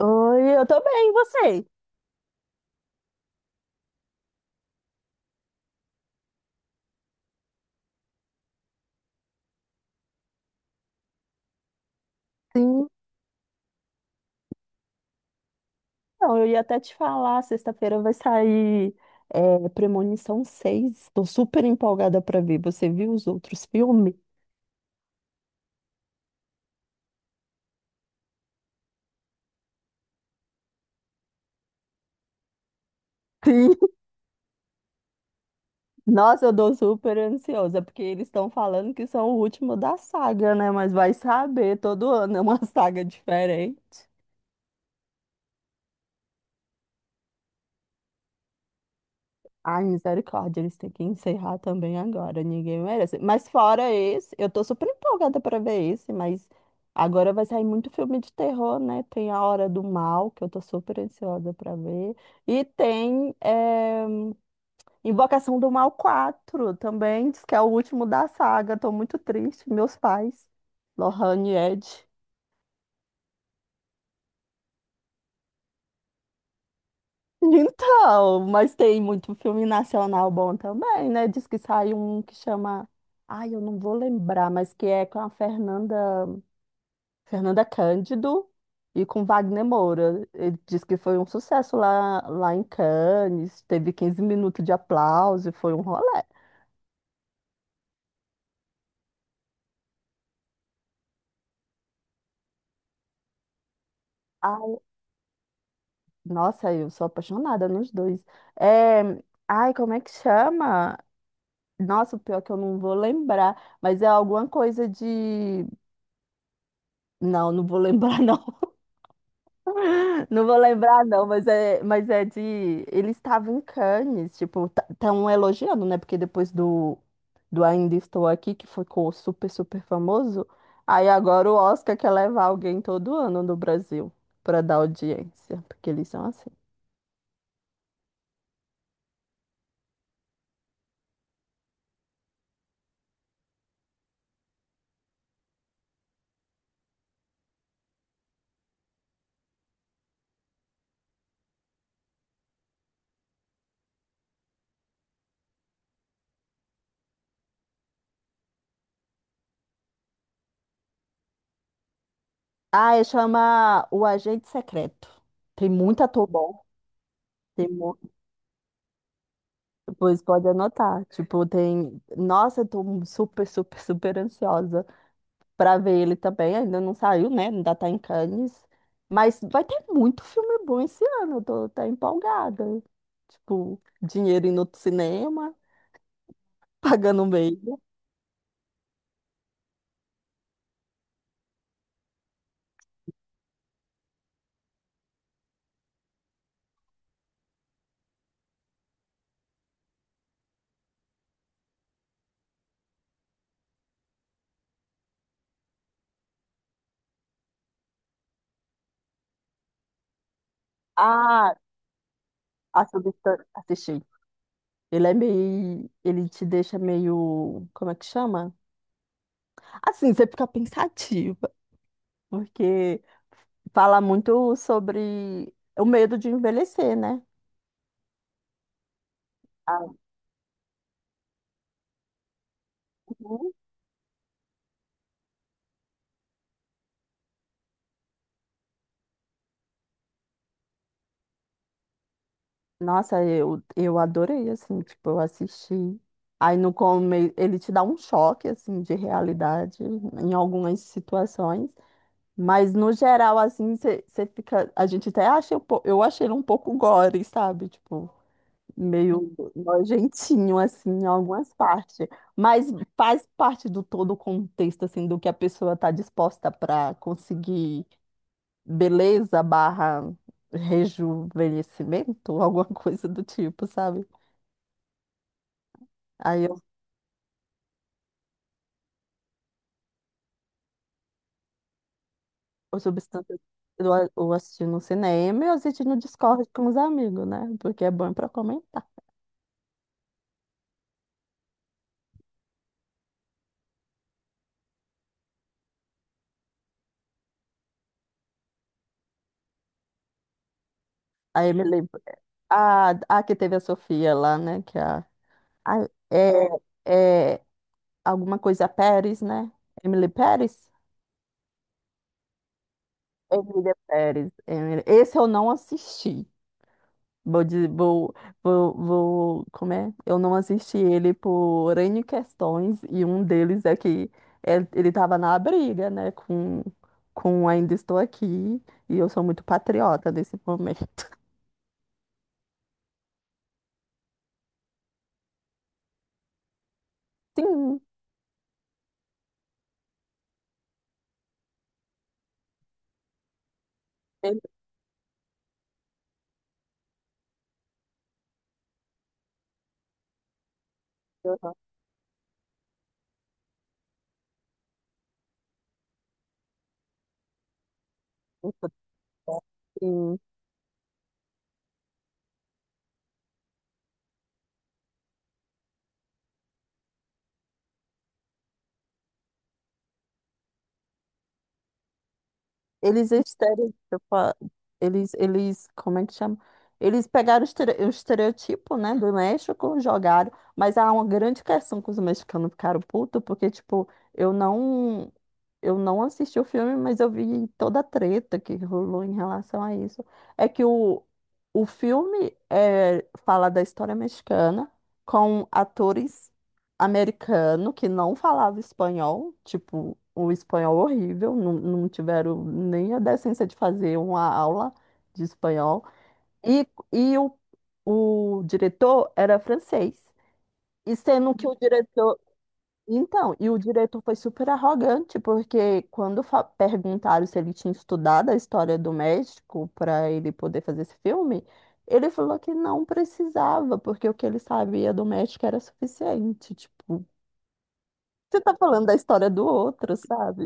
Oi, eu tô bem, e você? Sim, então, eu ia até te falar, sexta-feira vai sair Premonição 6. Tô super empolgada pra ver. Você viu os outros filmes? Sim. Nossa, eu tô super ansiosa, porque eles estão falando que são o último da saga, né? Mas vai saber, todo ano é uma saga diferente. Ai, misericórdia, eles têm que encerrar também agora, ninguém merece. Mas fora esse, eu tô super empolgada pra ver esse, mas agora vai sair muito filme de terror, né? Tem A Hora do Mal, que eu tô super ansiosa pra ver. E tem Invocação do Mal 4 também, diz que é o último da saga. Tô muito triste, meus pais, Lohane e Ed. Então, mas tem muito filme nacional bom também, né? Diz que saiu um que chama. Ai, eu não vou lembrar, mas que é com a Fernanda Cândido e com Wagner Moura. Ele diz que foi um sucesso lá em Cannes, teve 15 minutos de aplauso, e foi um rolê. Ai, nossa, eu sou apaixonada nos dois. É, Ai, como é que chama? Nossa, o pior é que eu não vou lembrar, mas é alguma coisa de. Não, não vou lembrar, não. Não vou lembrar, não, mas é de. Ele estava em Cannes, tipo, estão elogiando, né? Porque depois do Ainda Estou Aqui, que ficou super, super famoso, aí agora o Oscar quer levar alguém todo ano no Brasil para dar audiência, porque eles são assim. Ah, e chama O Agente Secreto. Tem muito ator bom. Tem, mu- Pois pode anotar. Tipo, tem. Nossa, eu tô super, super, super ansiosa. Para ver ele também. Ainda não saiu, né? Ainda tá em Cannes. Mas vai ter muito filme bom esse ano. Eu tô até empolgada. Tipo, dinheiro indo pro cinema, pagando meio. Ah, a Substância. Assisti. Ele é meio. Ele te deixa meio. Como é que chama? Assim, você fica pensativa. Porque fala muito sobre o medo de envelhecer, né? Ah. Uhum. Nossa, eu adorei, assim, tipo, eu assisti. Aí no começo, ele te dá um choque, assim, de realidade em algumas situações, mas no geral, assim, você fica. A gente até acha, eu achei ele um pouco gore, sabe? Tipo, meio nojentinho, assim, em algumas partes, mas faz parte do todo o contexto, assim, do que a pessoa tá disposta para conseguir beleza barra rejuvenescimento, alguma coisa do tipo, sabe? Aí eu, eu substância eu, a- eu assisti no cinema e eu assisti no Discord com os amigos, né? Porque é bom pra comentar. Aí me lembro. Ah, que teve a Sofia lá, né? Que é é alguma coisa Pérez, né? Emily Pérez? Emília Pérez. Esse eu não assisti. Vou, de- vou, vou, vou, como é? Eu não assisti ele por N questões, e um deles é que ele estava na briga, né, com Ainda Estou Aqui, e eu sou muito patriota nesse momento. Sim, ele- sim. Eles estereotipam, eles, como é que chama? Eles pegaram o estereotipo, né, do México, jogaram, mas há uma grande questão que os mexicanos ficaram putos, porque, tipo, eu não. Eu não assisti o filme, mas eu vi toda a treta que rolou em relação a isso. É que o filme fala da história mexicana com atores americanos que não falavam espanhol, tipo, o espanhol horrível, não tiveram nem a decência de fazer uma aula de espanhol. E, e o diretor era francês. E sendo que o diretor então, e o diretor foi super arrogante, porque quando perguntaram se ele tinha estudado a história do México para ele poder fazer esse filme, ele falou que não precisava, porque o que ele sabia do México era suficiente. Tipo, você tá falando da história do outro, sabe?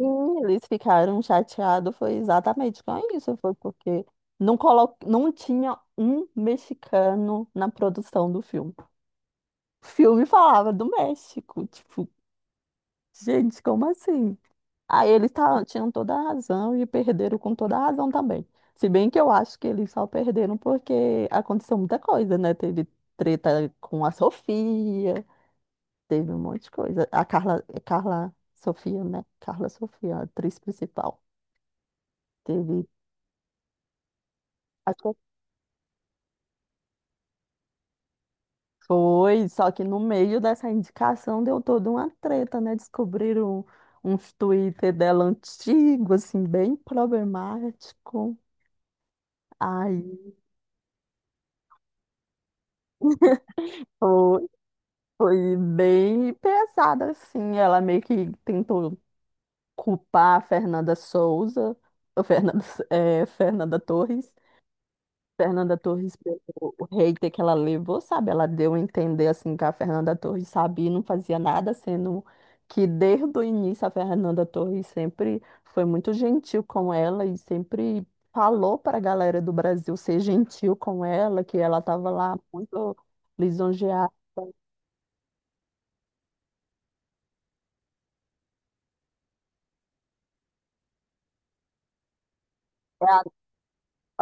Sim, eles ficaram chateados, foi exatamente com isso, foi porque não tinha um mexicano na produção do filme. O filme falava do México, tipo, gente, como assim? Aí eles tinham toda a razão e perderam com toda a razão também. Se bem que eu acho que eles só perderam porque aconteceu muita coisa, né? Teve treta com a Sofia, teve um monte de coisa. Carla Sofia, né? Carla Sofia, a atriz principal. Teve. Acho que foi, só que no meio dessa indicação deu toda uma treta, né? Descobriram uns Twitter dela antigo, assim, bem problemático. Aí. Foi bem pesada, assim. Ela meio que tentou culpar a Fernanda Souza, ou Fernanda, Fernanda Torres. Fernanda Torres, pelo o hater que ela levou, sabe? Ela deu a entender, assim, que a Fernanda Torres sabia e não fazia nada, sendo que desde o início a Fernanda Torres sempre foi muito gentil com ela e sempre falou para a galera do Brasil ser gentil com ela, que ela estava lá muito lisonjeada. É a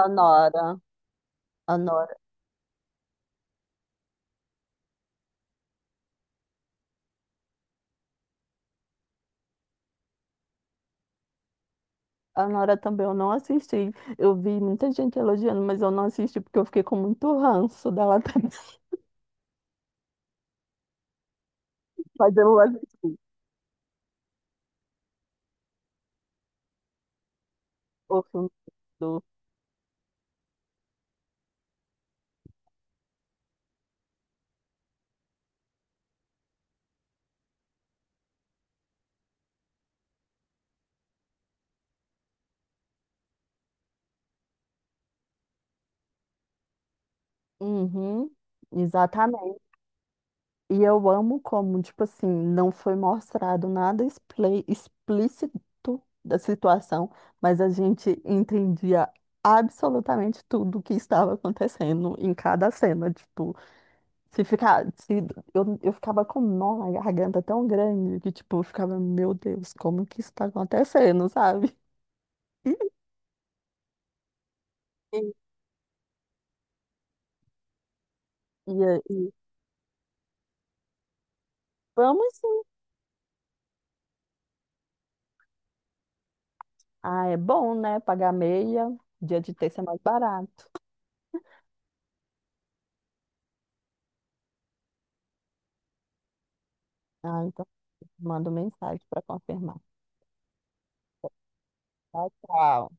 a Nora. A Nora A Nora também eu não assisti. Eu vi muita gente elogiando, mas eu não assisti porque eu fiquei com muito ranço dela também. Mas eu assisti o filme do. Uhum, exatamente. E eu amo como, tipo assim, não foi mostrado nada explícito da situação, mas a gente entendia absolutamente tudo o que estava acontecendo em cada cena, tipo. Se ficar, se, eu ficava com um nó na garganta tão grande que, tipo, eu ficava, meu Deus, como que isso tá acontecendo, sabe? E, e, aí, vamos sim. Ah, é bom, né? Pagar meia, dia de terça é mais barato. Ah, então, mando mensagem para confirmar. Tchau, tchau.